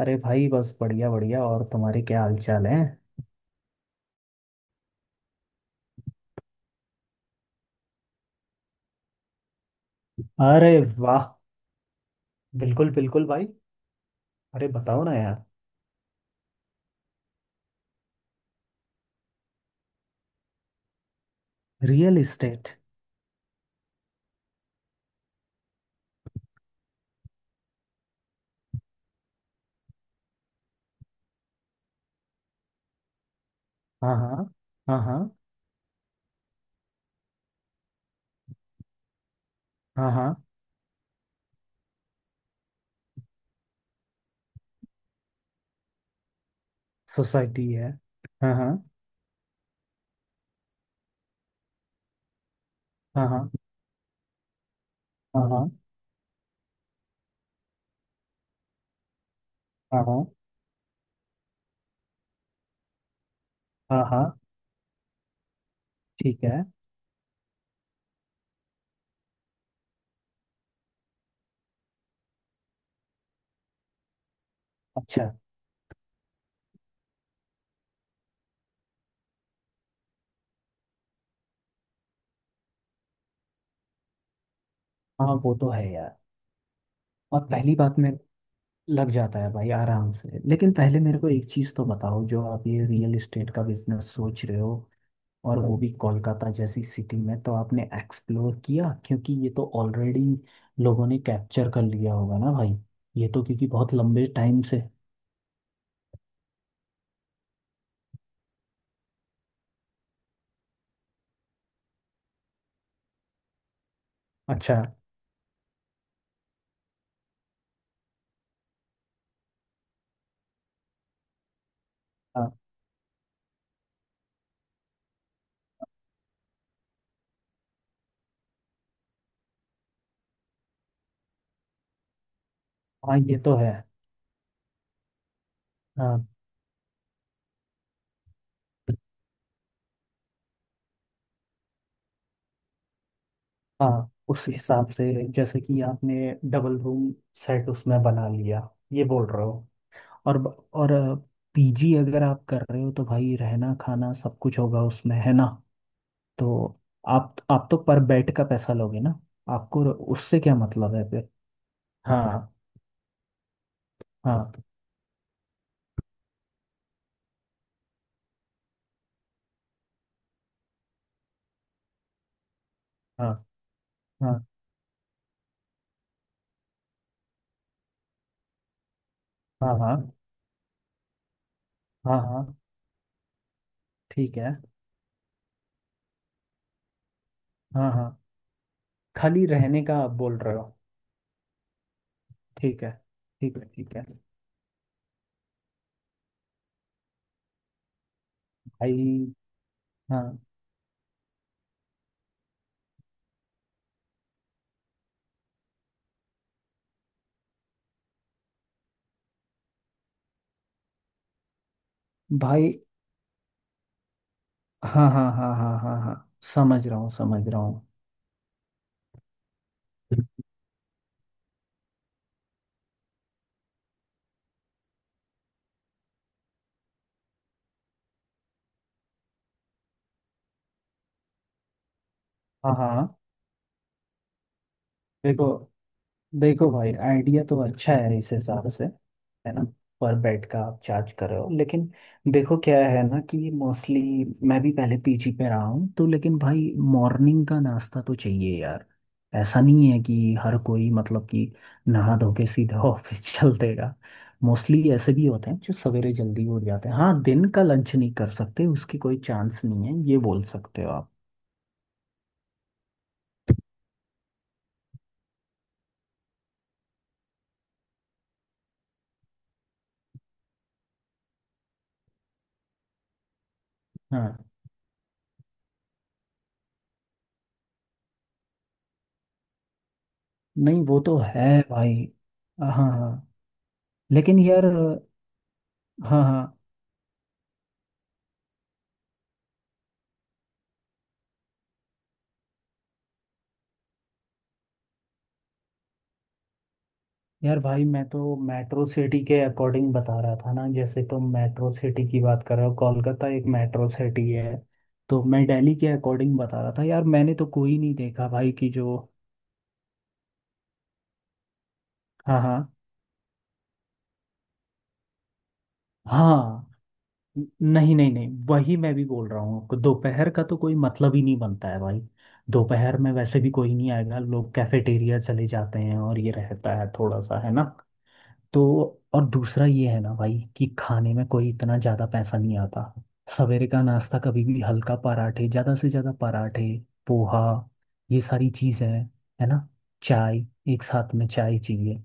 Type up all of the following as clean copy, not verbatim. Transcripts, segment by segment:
अरे भाई, बस बढ़िया बढ़िया। और तुम्हारे क्या हाल चाल है? अरे वाह। बिल्कुल बिल्कुल भाई। अरे बताओ ना यार। Real estate. हाँ हाँ। हाँ हाँ। हाँ हाँ। सोसाइटी है। हाँ हाँ हाँ हाँ हाँ हाँ हाँ हाँ। हाँ हाँ, ठीक है। अच्छा। हाँ वो तो है यार। और पहली बात में, लग जाता है भाई आराम से। लेकिन पहले मेरे को एक चीज़ तो बताओ, जो आप ये रियल इस्टेट का बिजनेस सोच रहे हो, और वो भी कोलकाता जैसी सिटी में तो आपने एक्सप्लोर किया? क्योंकि ये तो ऑलरेडी लोगों ने कैप्चर कर लिया होगा ना भाई। ये तो क्योंकि बहुत लंबे टाइम से। अच्छा। हाँ हाँ, ये तो है। हाँ हाँ, उस हिसाब से जैसे कि आपने डबल रूम सेट उसमें बना लिया, ये बोल रहे हो। और और पीजी अगर आप कर रहे हो तो भाई रहना खाना सब कुछ होगा उसमें, है ना? तो आप तो पर बेड का पैसा लोगे ना आपको? उससे क्या मतलब है। हाँ हाँ हाँ हाँ हाँ हाँ हाँ हाँ, ठीक है। हाँ हाँ, खाली रहने का आप बोल रहे हो? ठीक है ठीक है ठीक है भाई। हाँ भाई। हाँ हाँ हाँ हाँ हाँ हाँ। समझ रहा हूँ समझ रहा हूँ। हाँ हाँ। देखो, देखो भाई आइडिया तो अच्छा है इस हिसाब से, है ना? पर बेड का आप चार्ज कर रहे हो, लेकिन देखो क्या है ना कि मोस्टली मैं भी पहले पीजी पे रहा हूँ, तो लेकिन भाई मॉर्निंग का नाश्ता तो चाहिए यार। ऐसा नहीं है कि हर कोई मतलब कि नहा धो के सीधा ऑफिस चल देगा। मोस्टली ऐसे भी होते हैं जो सवेरे जल्दी उठ जाते हैं। हाँ, दिन का लंच नहीं कर सकते उसकी कोई चांस नहीं है, ये बोल सकते हो आप। हाँ, नहीं वो तो है भाई। हाँ हाँ। लेकिन यार। हाँ हाँ। यार भाई मैं तो मेट्रो सिटी के अकॉर्डिंग बता रहा था ना। जैसे तुम मेट्रो सिटी की बात कर रहे हो, कोलकाता एक मेट्रो सिटी है, तो मैं दिल्ली के अकॉर्डिंग बता रहा था यार। मैंने तो कोई नहीं देखा भाई कि जो। हाँ हाँ हाँ। नहीं नहीं नहीं, वही मैं भी बोल रहा हूँ, दोपहर का तो कोई मतलब ही नहीं बनता है भाई। दोपहर में वैसे भी कोई नहीं आएगा, लोग कैफेटेरिया चले जाते हैं, और ये रहता है थोड़ा सा, है ना? तो और दूसरा ये है ना भाई कि खाने में कोई इतना ज़्यादा पैसा नहीं आता। सवेरे का नाश्ता कभी भी हल्का, पराठे ज़्यादा से ज़्यादा पराठे, पोहा, ये सारी चीज़ें हैं, है ना? चाय, एक साथ में चाय चाहिए।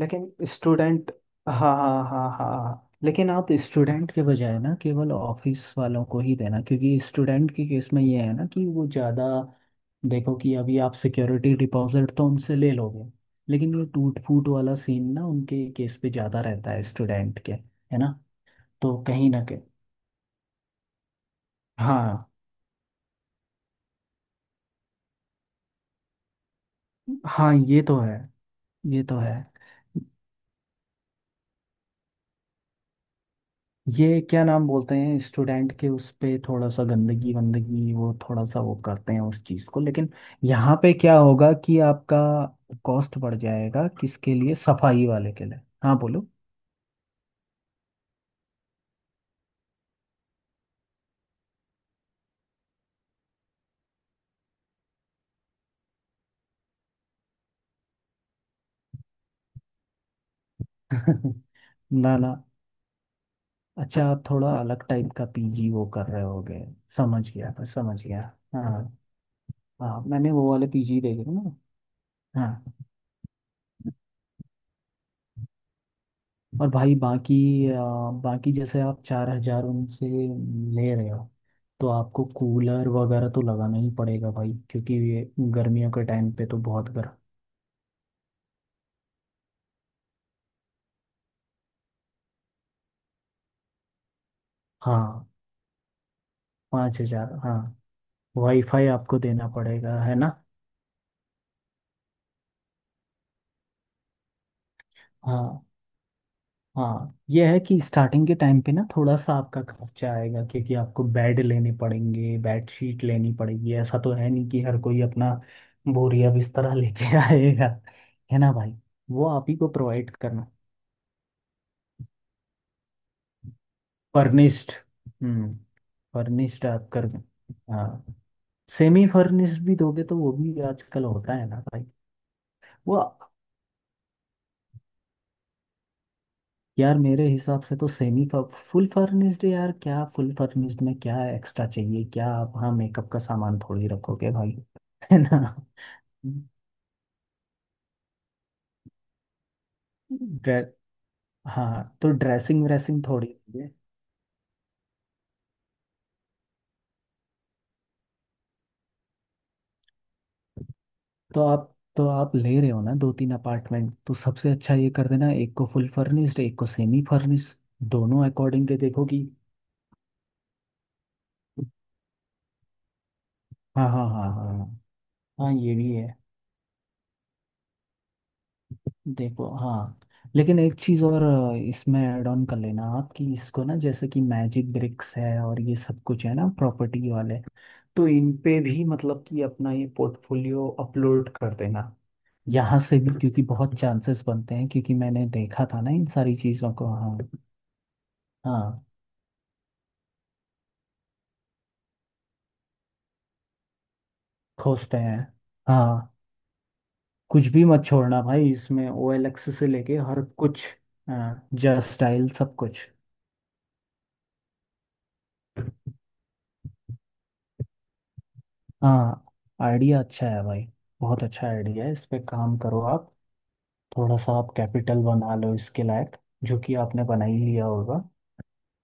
लेकिन स्टूडेंट, हाँ हाँ हाँ हाँ हाँ। लेकिन आप स्टूडेंट के बजाय ना केवल ऑफिस वालों को ही देना, क्योंकि स्टूडेंट के केस में ये है ना कि वो ज़्यादा, देखो कि अभी आप सिक्योरिटी डिपॉजिट तो उनसे ले लोगे, लेकिन ये टूट फूट वाला सीन ना उनके केस पे ज़्यादा रहता है स्टूडेंट के, है ना? तो कहीं ना कहीं। हाँ हाँ, ये तो है, ये तो है। ये क्या नाम बोलते हैं, स्टूडेंट के उस पे थोड़ा सा गंदगी वंदगी वो थोड़ा सा वो करते हैं उस चीज़ को, लेकिन यहाँ पे क्या होगा कि आपका कॉस्ट बढ़ जाएगा किसके लिए, सफाई वाले के लिए? हाँ बोलो ना ना, अच्छा आप थोड़ा अलग टाइप का पीजी वो कर रहे होगे, समझ गया मैं, समझ गया। हाँ। हाँ मैंने वो वाले पीजी देखे थे ना। हाँ। और भाई बाकी, बाकी जैसे आप 4,000 उनसे ले रहे हो, तो आपको कूलर वगैरह तो लगाना ही पड़ेगा भाई क्योंकि ये गर्मियों के टाइम पे तो बहुत गर्म। हाँ। 5,000 हाँ। वाईफाई आपको देना पड़ेगा, है ना? हाँ हाँ, ये है कि स्टार्टिंग के टाइम पे ना थोड़ा सा आपका खर्चा आएगा, क्योंकि आपको बेड लेने पड़ेंगे, बेड शीट लेनी पड़ेगी। ऐसा तो है नहीं कि हर कोई अपना बोरिया बिस्तर लेके आएगा, है ना भाई? वो आप ही को प्रोवाइड करना। फर्निश्ड। हम्म। फर्निश्ड आप कर, हाँ। सेमी फर्निश्ड भी दोगे तो वो भी आजकल होता है ना भाई। वो, यार मेरे हिसाब से तो सेमी, फुल फर्निश्ड यार क्या फुल फर्निश्ड में क्या एक्स्ट्रा चाहिए क्या आप? हाँ मेकअप का सामान थोड़ी रखोगे भाई है ना? ड्रे, हाँ तो ड्रेसिंग व्रेसिंग थोड़ी होगी। तो आप, तो आप ले रहे हो ना दो तीन अपार्टमेंट, तो सबसे अच्छा ये कर देना एक को फुल फर्निश्ड एक को सेमी फर्निश्ड, दोनों अकॉर्डिंग के देखो कि। हाँ हाँ हाँ हाँ हाँ हाँ, ये भी है। देखो हाँ। लेकिन एक चीज़ और इसमें ऐड ऑन कर लेना आप कि इसको ना जैसे कि मैजिक ब्रिक्स है और ये सब कुछ है ना प्रॉपर्टी वाले, तो इन पे भी मतलब कि अपना ये पोर्टफोलियो अपलोड कर देना, यहाँ से भी। क्योंकि बहुत चांसेस बनते हैं, क्योंकि मैंने देखा था ना इन सारी चीज़ों को। हाँ हाँ, खोजते हैं। हाँ कुछ भी मत छोड़ना भाई, इसमें OLX से लेके हर कुछ। हाँ जस्ट स्टाइल सब कुछ। हाँ आइडिया अच्छा है भाई, बहुत अच्छा आइडिया है, इस पे काम करो आप। थोड़ा सा आप कैपिटल बना लो इसके लायक, जो कि आपने बना ही लिया होगा।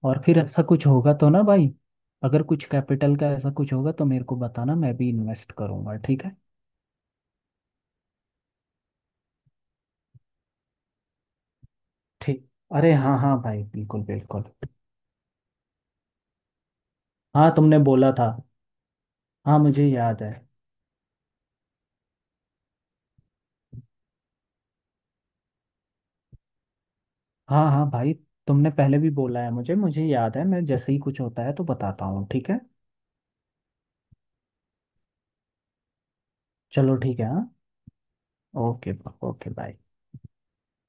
और फिर ऐसा कुछ होगा तो ना भाई, अगर कुछ कैपिटल का ऐसा कुछ होगा तो मेरे को बताना, मैं भी इन्वेस्ट करूंगा, ठीक है। ठीक। अरे हाँ हाँ भाई बिल्कुल बिल्कुल। हाँ तुमने बोला था। हाँ मुझे याद है। हाँ हाँ भाई तुमने पहले भी बोला है मुझे मुझे याद है, मैं जैसे ही कुछ होता है तो बताता हूँ, ठीक है? चलो ठीक है हाँ। ओके। Okay bye.